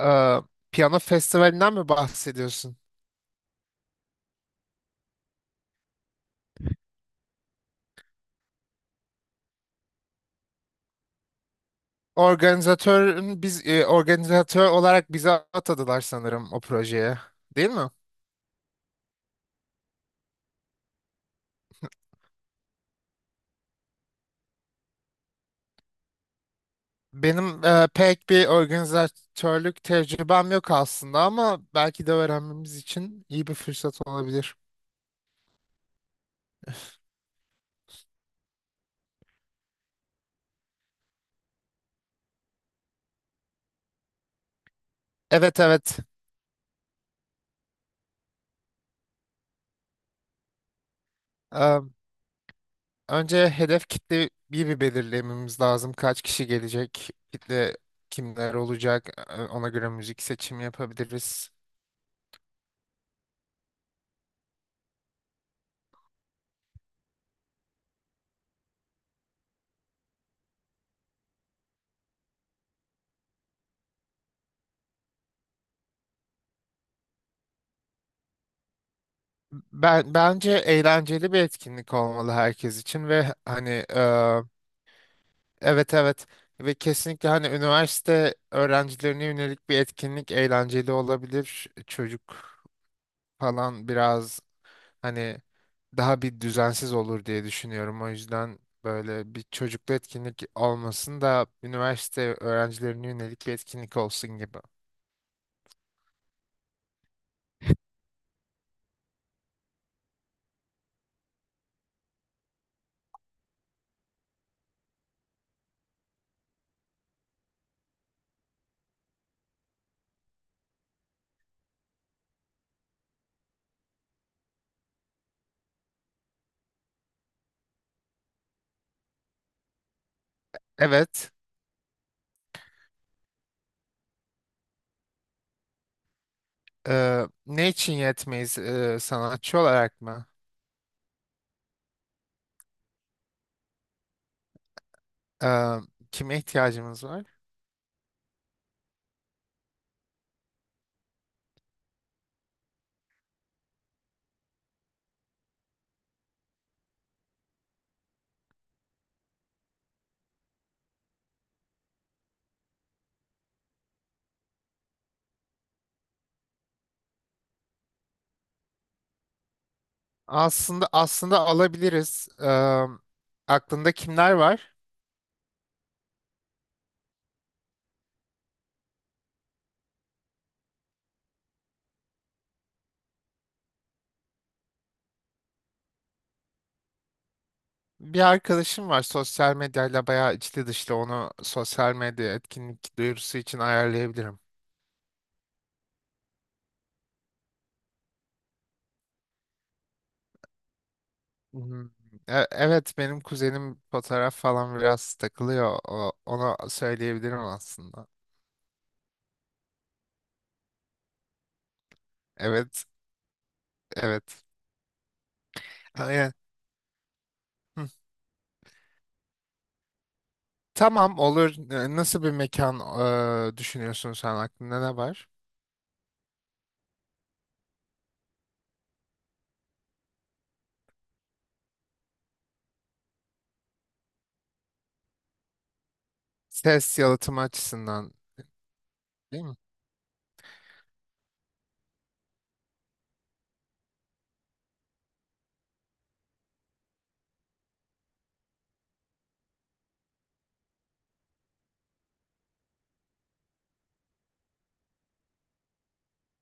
Ee, Piyano festivalinden mi bahsediyorsun? Organizatörün biz organizatör olarak bize atadılar sanırım o projeye. Değil mi? Benim pek bir organizatörlük tecrübem yok aslında, ama belki de öğrenmemiz için iyi bir fırsat olabilir. Evet, evet. Ee, Önce hedef kitleyi bir belirlememiz lazım. Kaç kişi gelecek? Kitle kimler olacak? Ona göre müzik seçimi yapabiliriz. Ben bence eğlenceli bir etkinlik olmalı herkes için ve hani evet, evet, ve kesinlikle hani üniversite öğrencilerine yönelik bir etkinlik eğlenceli olabilir. Çocuk falan biraz hani daha bir düzensiz olur diye düşünüyorum. O yüzden böyle bir çocuklu etkinlik olmasın da üniversite öğrencilerine yönelik bir etkinlik olsun gibi. Evet. Ne için yetmeyiz, sanatçı olarak mı? E, Kime ihtiyacımız var? Aslında alabiliriz. Aklında kimler var? Bir arkadaşım var sosyal medyayla bayağı içli dışlı, onu sosyal medya etkinlik duyurusu için ayarlayabilirim. Hmm. Evet, benim kuzenim fotoğraf falan biraz takılıyor. Ona söyleyebilirim aslında. Evet, evet. Aynen. Hı. Tamam, olur. Nasıl bir mekan düşünüyorsun, sen aklında ne var? Ses yalıtımı açısından değil mi?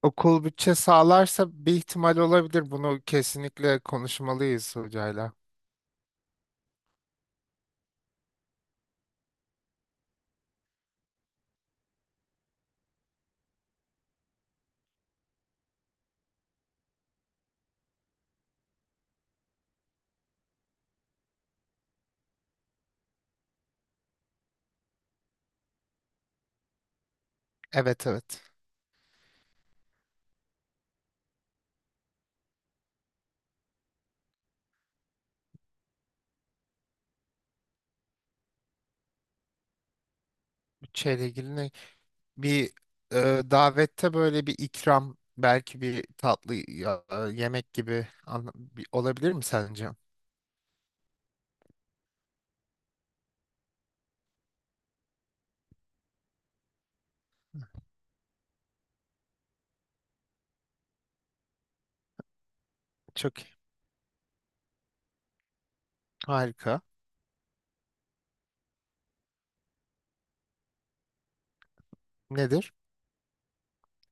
Okul bütçe sağlarsa bir ihtimal olabilir. Bunu kesinlikle konuşmalıyız hocayla. Evet, evet. Bütçeyle ilgili ne? Bir davette böyle bir ikram, belki bir tatlı yemek gibi olabilir mi sence? Çok iyi. Harika. Nedir?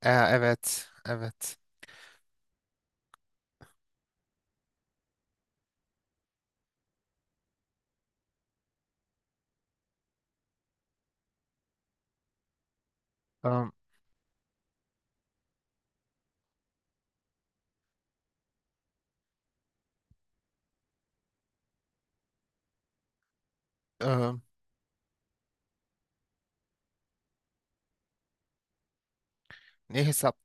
Evet, evet. Am, am, ne hesap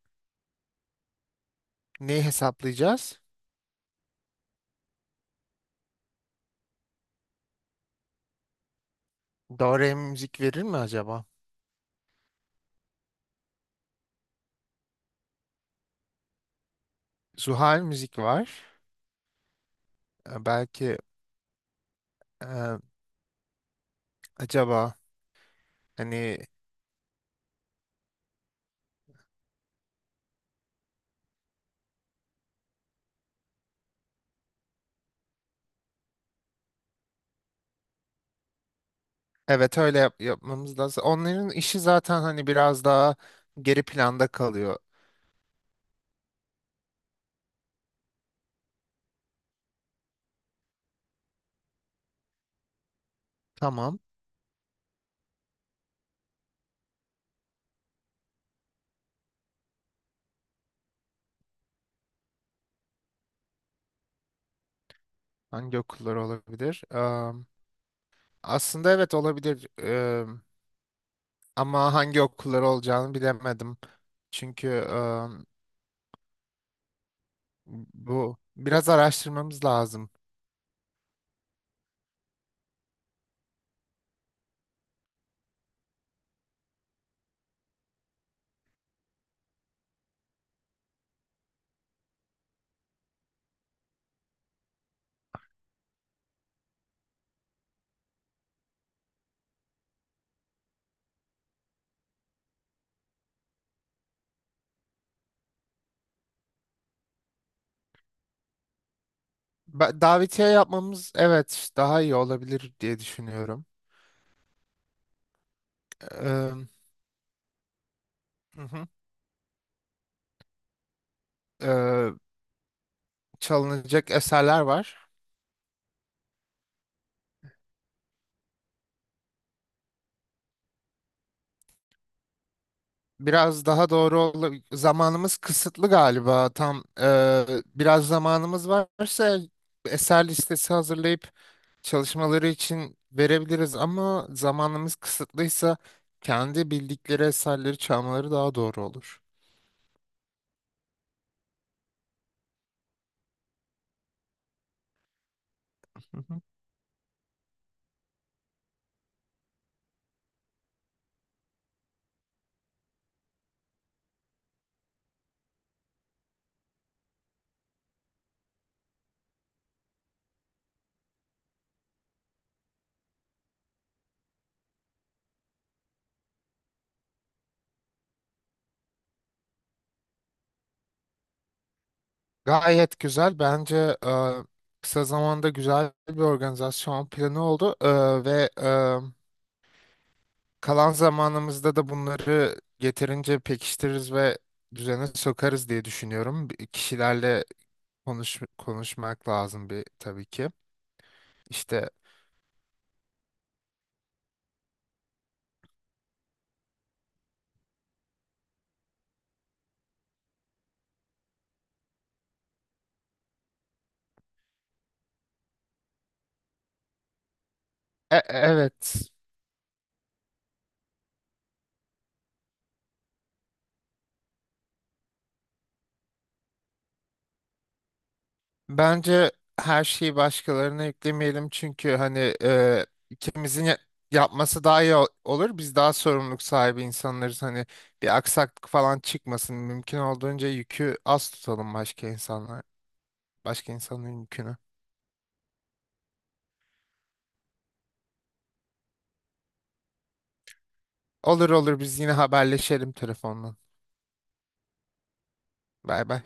Ne hesaplayacağız? Doğru müzik verir mi acaba? Zuhal müzik var. Belki e, acaba hani evet, öyle yapmamız lazım. Onların işi zaten hani biraz daha geri planda kalıyor. Tamam. Hangi okullar olabilir? Aslında evet, olabilir. Ama hangi okullar olacağını bilemedim. Çünkü am, Bu biraz araştırmamız lazım. Davetiye yapmamız evet daha iyi olabilir diye düşünüyorum. Am, hı hı. Ee, Çalınacak eserler var. Biraz daha doğru ol, zamanımız kısıtlı galiba tam biraz zamanımız varsa eser listesi hazırlayıp çalışmaları için verebiliriz, ama zamanımız kısıtlıysa kendi bildikleri eserleri çalmaları daha doğru olur. Hı hı. Gayet güzel bence, kısa zamanda güzel bir organizasyon planı oldu. Kalan zamanımızda da bunları yeterince pekiştiririz ve düzene sokarız diye düşünüyorum. Kişilerle konuşmak lazım bir tabii ki. İşte evet, bence her şeyi başkalarına yüklemeyelim çünkü hani ikimizin yapması daha iyi olur. Biz daha sorumluluk sahibi insanlarız. Hani bir aksaklık falan çıkmasın. Mümkün olduğunca yükü az tutalım başka insanlar, başka insanların yükünü. Olur, olur, biz yine haberleşelim telefonla. Bay bay.